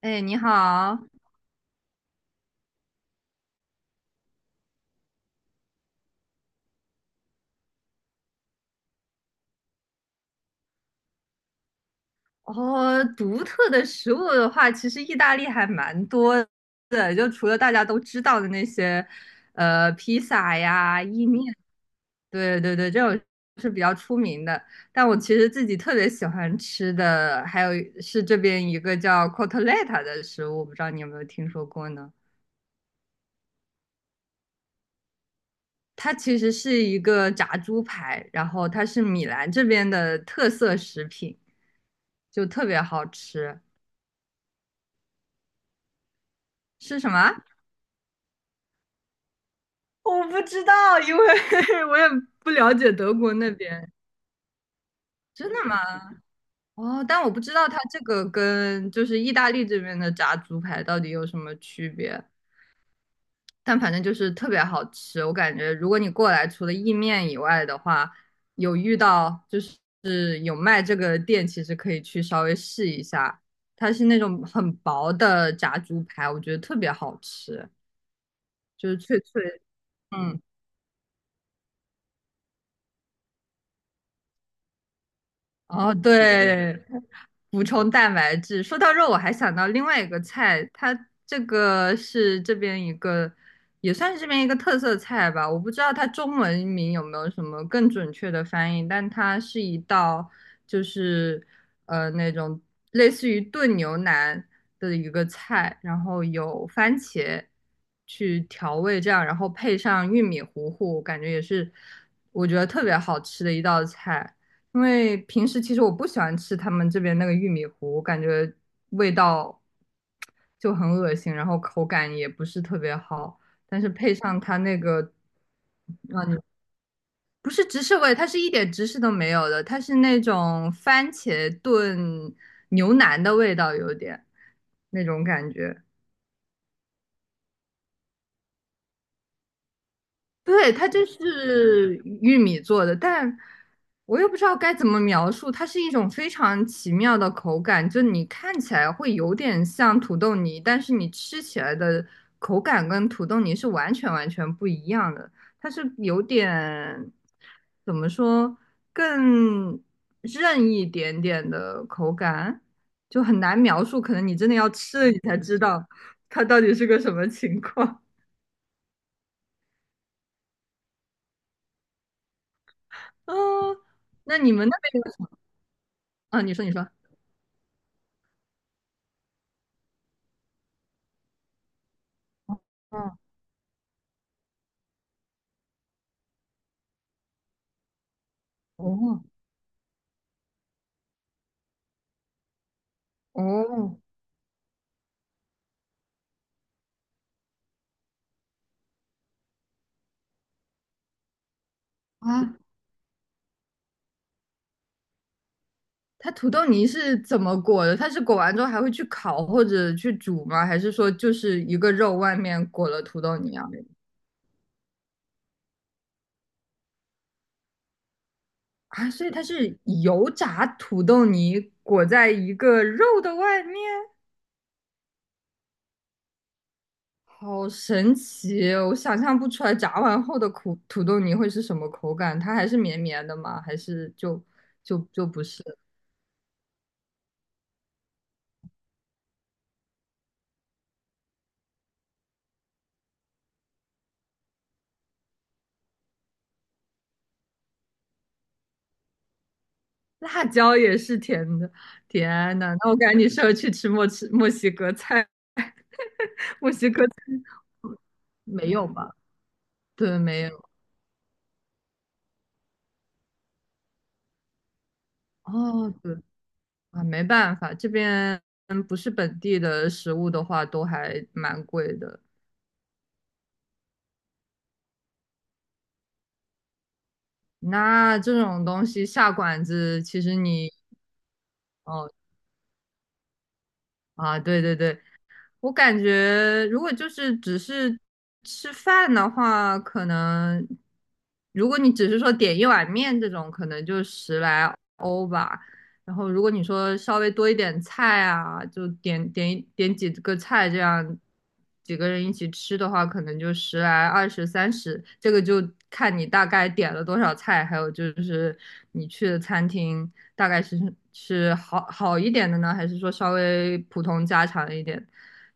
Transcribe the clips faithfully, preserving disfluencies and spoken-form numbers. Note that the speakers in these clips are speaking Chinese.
哎，你好。哦，独特的食物的话，其实意大利还蛮多的，就除了大家都知道的那些，呃，披萨呀、意面，对对对，这种是比较出名的。但我其实自己特别喜欢吃的，还有是这边一个叫 cotoletta 的食物，不知道你有没有听说过呢？它其实是一个炸猪排，然后它是米兰这边的特色食品，就特别好吃。是什么？我不知道，因为 我也不了解德国那边。真的吗？哦，但我不知道它这个跟就是意大利这边的炸猪排到底有什么区别，但反正就是特别好吃。我感觉如果你过来除了意面以外的话，有遇到就是有卖这个店，其实可以去稍微试一下。它是那种很薄的炸猪排，我觉得特别好吃，就是脆脆。嗯，哦，对，补充蛋白质。说到肉，我还想到另外一个菜，它这个是这边一个，也算是这边一个特色菜吧。我不知道它中文名有没有什么更准确的翻译，但它是一道就是呃那种类似于炖牛腩的一个菜，然后有番茄去调味这样，然后配上玉米糊糊，感觉也是我觉得特别好吃的一道菜。因为平时其实我不喜欢吃他们这边那个玉米糊，我感觉味道就很恶心，然后口感也不是特别好。但是配上它那个不是芝士味，它是一点芝士都没有的，它是那种番茄炖牛腩的味道，有点那种感觉。对，它就是玉米做的，但我又不知道该怎么描述，它是一种非常奇妙的口感，就你看起来会有点像土豆泥，但是你吃起来的口感跟土豆泥是完全完全不一样的，它是有点，怎么说，更韧一点点的口感，就很难描述，可能你真的要吃了你才知道它到底是个什么情况。哦，那你们那边？啊，你说你说，哦哦哦啊，它土豆泥是怎么裹的？它是裹完之后还会去烤或者去煮吗？还是说就是一个肉外面裹了土豆泥啊？啊，所以它是油炸土豆泥裹在一个肉的外面，好神奇哦，我想象不出来炸完后的苦土豆泥会是什么口感，它还是绵绵的吗？还是就就就不是？辣椒也是甜的，天呐，那我感觉你适合去吃墨吃墨西哥菜，没有吧？对，没有。哦，对啊，没办法，这边不是本地的食物的话，都还蛮贵的。那这种东西下馆子，其实你哦啊，对对对，我感觉，如果就是只是吃饭的话，可能如果你只是说点一碗面这种，可能就十来欧吧。然后如果你说稍微多一点菜啊，就点点一点几个菜，这样几个人一起吃的话，可能就十来、二十、三十，这个就看你大概点了多少菜，还有就是你去的餐厅大概是是好好一点的呢，还是说稍微普通家常一点的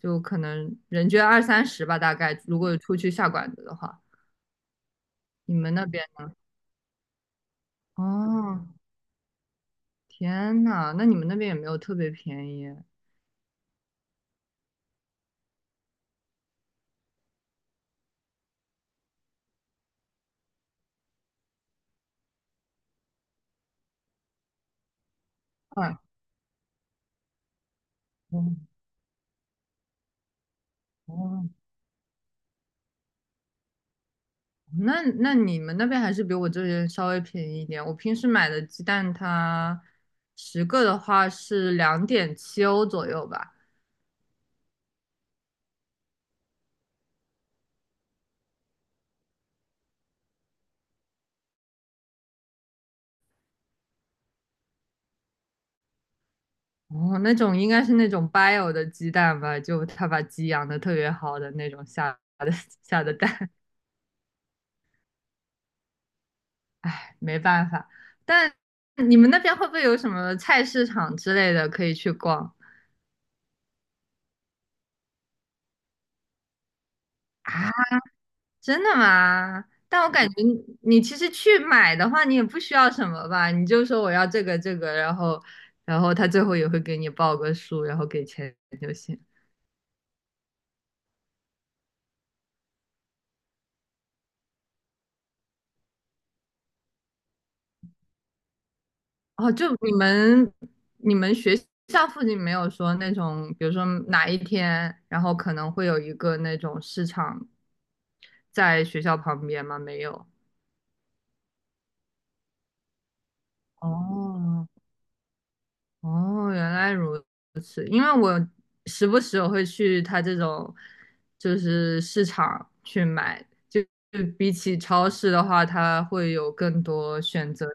就可能人均二三十吧，大概如果出去下馆子的话，你们那边哦，天呐，那你们那边也没有特别便宜，啊，嗯哦，那那你们那边还是比我这边稍微便宜一点。我平时买的鸡蛋它十个的话是两点七欧左右吧。哦，那种应该是那种 bio 的鸡蛋吧，就他把鸡养的特别好的那种下的下的蛋。没办法。但你们那边会不会有什么菜市场之类的可以去逛啊？真的吗？但我感觉你你其实去买的话，你也不需要什么吧？你就说我要这个这个，然后然后他最后也会给你报个数，然后给钱就行。哦，就你们你们学校附近没有说那种，比如说哪一天，然后可能会有一个那种市场在学校旁边吗？没有。哦，哦，原来如此。因为我时不时我会去他这种就是市场去买，就就比起超市的话，它会有更多选择。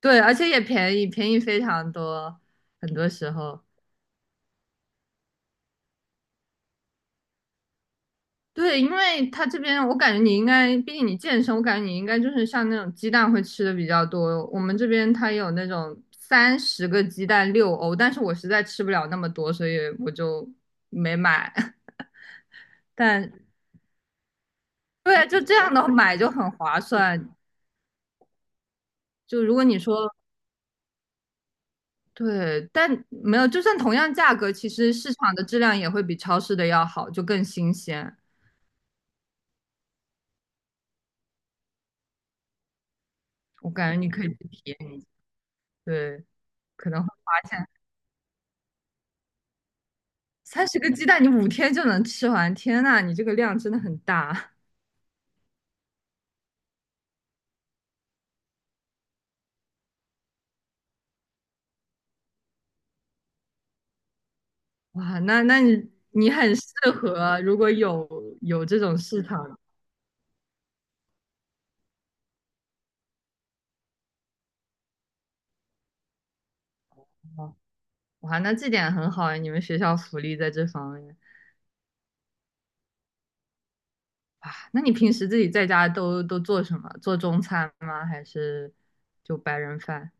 对，而且也便宜，便宜非常多，很多时候。对，因为他这边我感觉你应该，毕竟你健身，我感觉你应该就是像那种鸡蛋会吃的比较多。我们这边它有那种三十个鸡蛋六欧，但是我实在吃不了那么多，所以我就没买。但对，就这样的买就很划算。就如果你说对，但没有，就算同样价格，其实市场的质量也会比超市的要好，就更新鲜。我感觉你可以去体验一下。对，可能会发现三十个鸡蛋你五天就能吃完，天呐，你这个量真的很大哇！那那你你很适合，如果有有这种市场的话，哇，那这点很好啊，你们学校福利在这方面。啊，那你平时自己在家都都做什么？做中餐吗？还是就白人饭？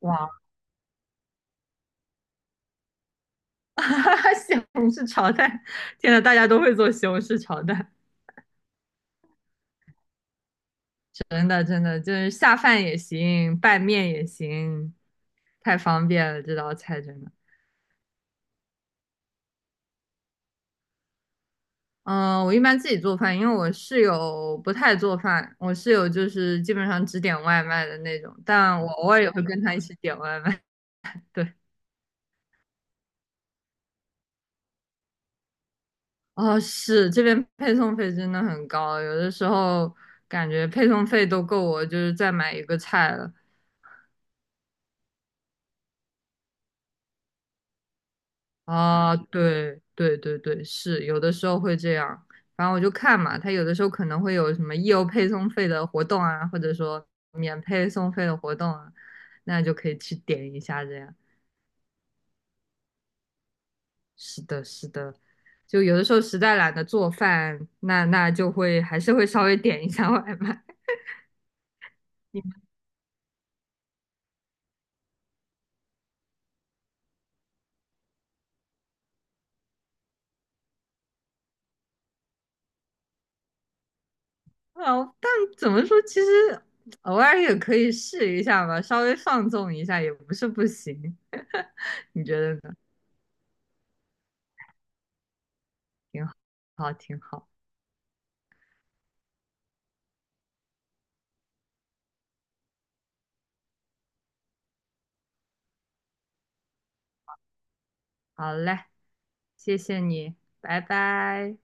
哇，西红柿炒蛋！天呐，大家都会做西红柿炒蛋，真的真的就是下饭也行，拌面也行，太方便了这道菜真的。嗯，我一般自己做饭，因为我室友不太做饭，我室友就是基本上只点外卖的那种，但我偶尔也会跟他一起点外卖。对。哦，是，这边配送费真的很高，有的时候感觉配送费都够我就是再买一个菜了。啊，对对对对，是，有的时候会这样。反正我就看嘛，他有的时候可能会有什么义优配送费的活动啊，或者说免配送费的活动啊，那就可以去点一下这样。是的，是的，就有的时候实在懒得做饭，那那就会还是会稍微点一下外卖。哦，但怎么说，其实偶尔也可以试一下吧，稍微放纵一下也不是不行。你觉得呢？挺好，挺好。好嘞，谢谢你，拜拜。